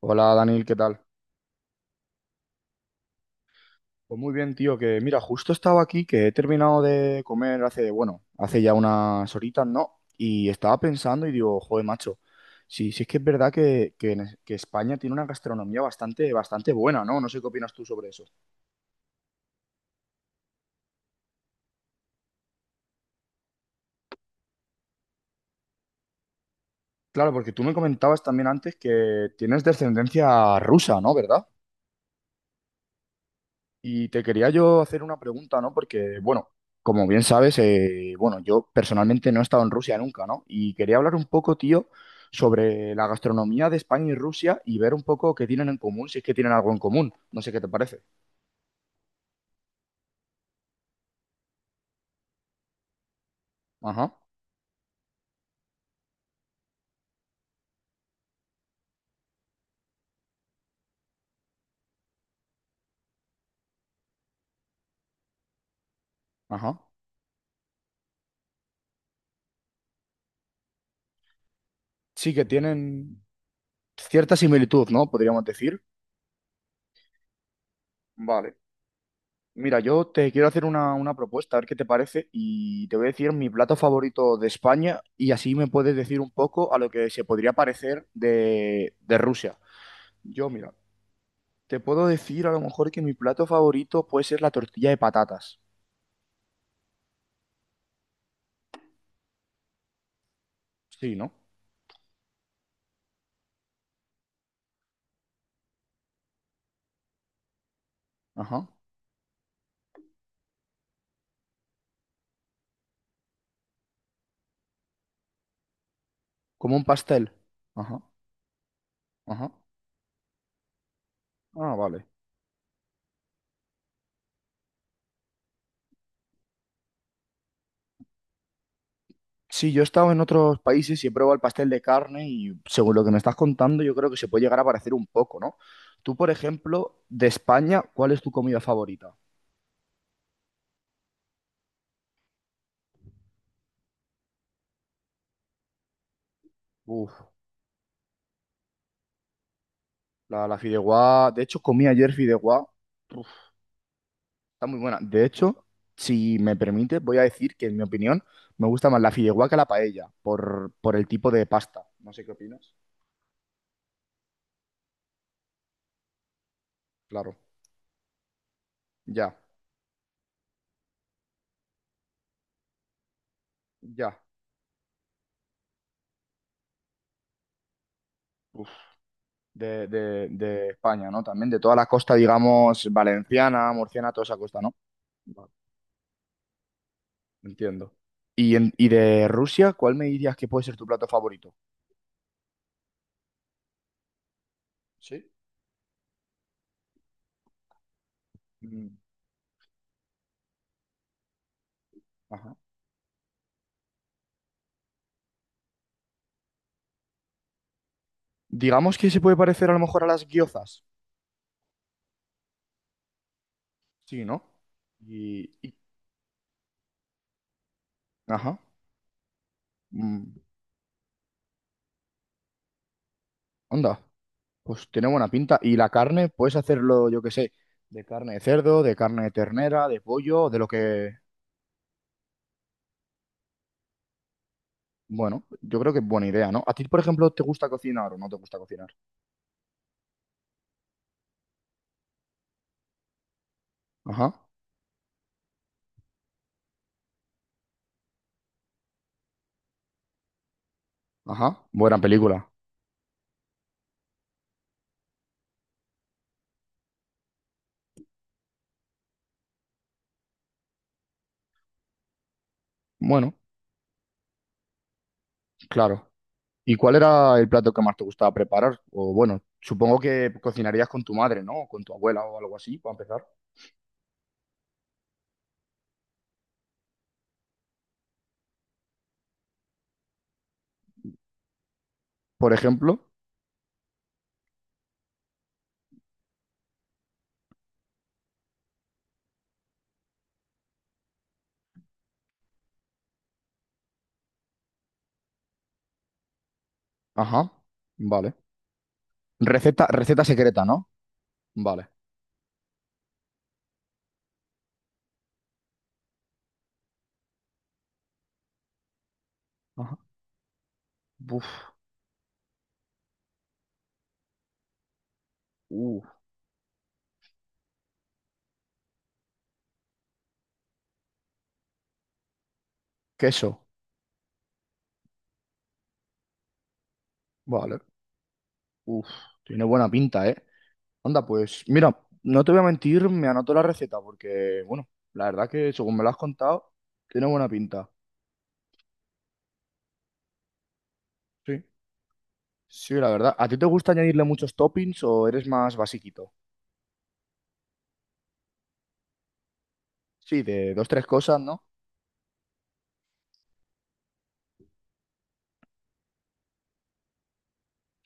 Hola Daniel, ¿qué tal? Pues muy bien, tío, que mira, justo estaba aquí, que he terminado de comer hace, bueno, hace ya unas horitas, ¿no? Y estaba pensando y digo, joder, macho, sí, sí es que es verdad que España tiene una gastronomía bastante, bastante buena, ¿no? No sé qué opinas tú sobre eso. Claro, porque tú me comentabas también antes que tienes descendencia rusa, ¿no? ¿Verdad? Y te quería yo hacer una pregunta, ¿no? Porque, bueno, como bien sabes, bueno, yo personalmente no he estado en Rusia nunca, ¿no? Y quería hablar un poco, tío, sobre la gastronomía de España y Rusia y ver un poco qué tienen en común, si es que tienen algo en común. No sé qué te parece. Ajá, ajá. Sí que tienen cierta similitud, ¿no? Podríamos decir. Vale. Mira, yo te quiero hacer una propuesta, a ver qué te parece, y te voy a decir mi plato favorito de España y así me puedes decir un poco a lo que se podría parecer de Rusia. Yo, mira, te puedo decir a lo mejor que mi plato favorito puede ser la tortilla de patatas. Sí, ¿no? Ajá. Como un pastel. Ajá, ajá. Ah, vale. Sí, yo he estado en otros países y he probado el pastel de carne y según lo que me estás contando, yo creo que se puede llegar a parecer un poco, ¿no? Tú, por ejemplo, de España, ¿cuál es tu comida favorita? Uf, la fideuá. De hecho, comí ayer fideuá. Está muy buena. De hecho, si me permites, voy a decir que, en mi opinión, me gusta más la fideuá que la paella, por el tipo de pasta. No sé qué opinas. Claro, ya, ya. Uf. De España, ¿no? También de toda la costa, digamos, valenciana, murciana, toda esa costa, ¿no? Vale, entiendo. ¿Y, y de Rusia, cuál me dirías que puede ser tu plato favorito? Sí. Mm, ajá. Digamos que se puede parecer a lo mejor a las guiozas. Sí, ¿no? Y, y- ajá. Mm, onda. Pues tiene buena pinta. Y la carne, puedes hacerlo, yo qué sé, de carne de cerdo, de carne de ternera, de pollo, de lo que... Bueno, yo creo que es buena idea, ¿no? ¿A ti, por ejemplo, te gusta cocinar o no te gusta cocinar? Ajá, ajá. Buena película. Bueno, claro. ¿Y cuál era el plato que más te gustaba preparar? O bueno, supongo que cocinarías con tu madre, ¿no? O con tu abuela o algo así, para empezar. Por ejemplo, ajá, vale. Receta, receta secreta, ¿no? Vale. Ajá. Uf, uh, queso. Vale, Uf, tiene buena pinta, ¿eh? Anda, pues mira, no te voy a mentir, me anoto la receta porque, bueno, la verdad que según me lo has contado, tiene buena pinta. Sí. Sí, la verdad. ¿A ti te gusta añadirle muchos toppings o eres más basiquito? Sí, de dos, tres cosas, ¿no?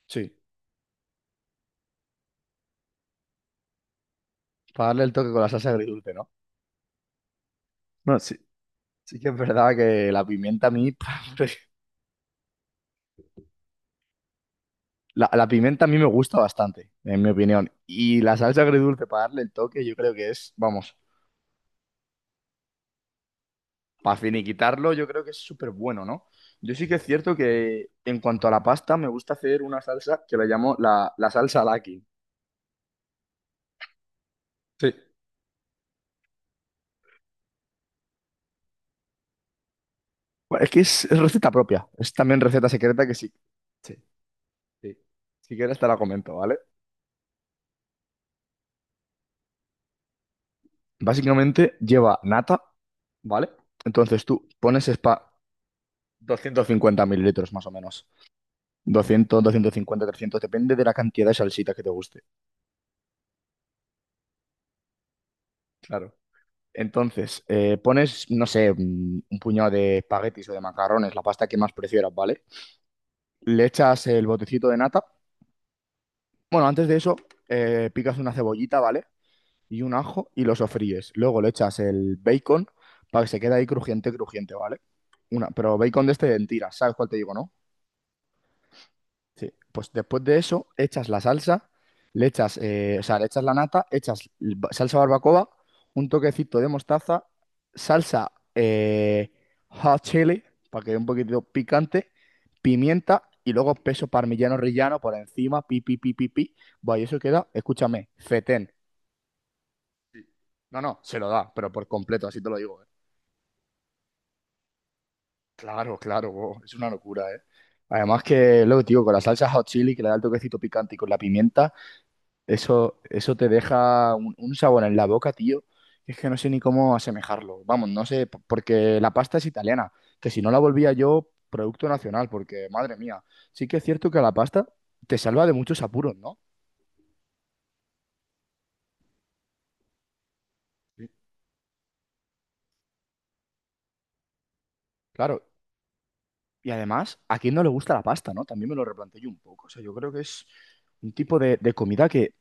Sí, para darle el toque con la salsa agridulce, ¿no? No, sí, sí que es verdad que la pimienta a mí, la pimienta a mí me gusta bastante, en mi opinión. Y la salsa agridulce para darle el toque, yo creo que es, vamos. Para finiquitarlo, yo creo que es súper bueno, ¿no? Yo sí que es cierto que en cuanto a la pasta, me gusta hacer una salsa que la llamo la salsa Laki. Sí, bueno, es que es receta propia, es también receta secreta que sí. Sí, sí. Si quieres te la comento, ¿vale? Básicamente lleva nata, ¿vale? Entonces tú pones spa 250 ml más o menos. 200 250 300 depende de la cantidad de salsita que te guste. Claro. Entonces, pones, no sé, un puñado de espaguetis o de macarrones, la pasta que más prefieras, ¿vale? Le echas el botecito de nata. Bueno, antes de eso, picas una cebollita, ¿vale? Y un ajo y lo sofríes. Luego le echas el bacon para que se quede ahí crujiente, crujiente, ¿vale? Una, pero bacon de este en tiras, ¿sabes cuál te digo, no? Sí. Pues después de eso, echas la salsa, le echas, o sea, le echas la nata, echas salsa barbacoa, un toquecito de mostaza, salsa hot chili, para que dé un poquitito picante, pimienta y luego peso parmigiano rillano por encima, pi, pi, pi, pi, pi. Buah, y eso queda, escúchame, fetén. No, no, se lo da, pero por completo, así te lo digo. Claro, claro, wow, es una locura, ¿eh? Además que, luego, tío, con la salsa hot chili que le da el toquecito picante y con la pimienta. Eso te deja un sabor en la boca, tío. Es que no sé ni cómo asemejarlo. Vamos, no sé, porque la pasta es italiana, que si no la volvía yo, producto nacional, porque madre mía, sí que es cierto que la pasta te salva de muchos apuros, ¿no? Sí. Claro, y además, ¿a quién no le gusta la pasta, no? También me lo replanteé yo un poco. O sea, yo creo que es un tipo de, comida que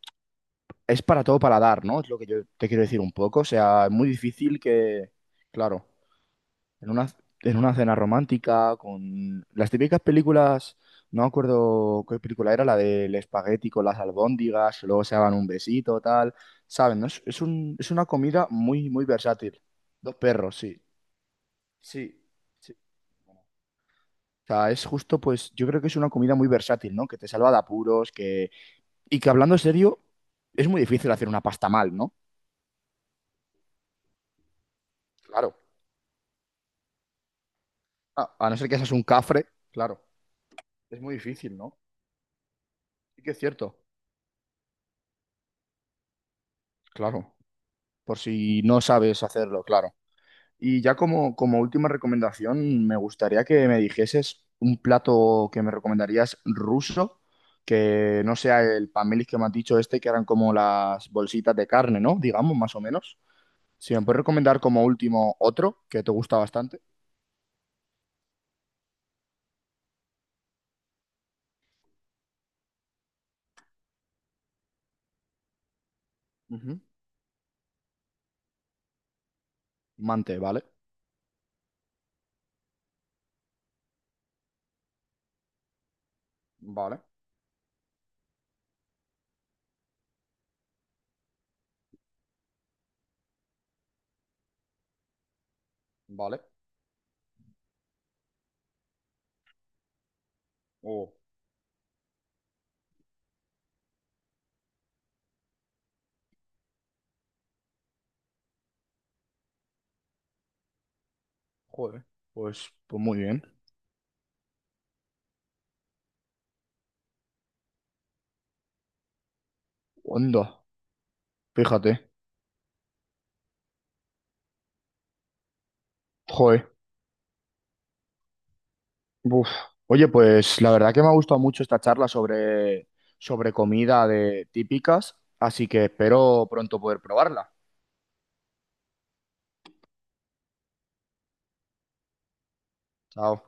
es para todo paladar, ¿no? Es lo que yo te quiero decir un poco. O sea, es muy difícil que... Claro. En una, en una cena romántica, con las típicas películas, no me acuerdo qué película era, la del espagueti con las albóndigas, luego se daban un besito, tal, ¿saben? ¿No? Es, es una comida muy, muy versátil. Dos perros, sí, sí, sí. O sea, es justo, pues, yo creo que es una comida muy versátil, ¿no? Que te salva de apuros, que... Y que hablando serio, es muy difícil hacer una pasta mal, ¿no? Claro. A no ser que seas un cafre, claro. Es muy difícil, ¿no? Sí que es cierto. Claro. Por si no sabes hacerlo, claro. Y ya como, última recomendación, me gustaría que me dijeses un plato que me recomendarías ruso, que no sea el pamelis que me has dicho este, que eran como las bolsitas de carne, ¿no? Digamos, más o menos. Si me puedes recomendar como último otro, que te gusta bastante. Ujú. Mante, ¿vale? Vale, vale. Oh, joder. Pues muy bien. Onda, fíjate. Joder. Uf. Oye, pues la verdad que me ha gustado mucho esta charla sobre, comida de típicas, así que espero pronto poder probarla. Chao.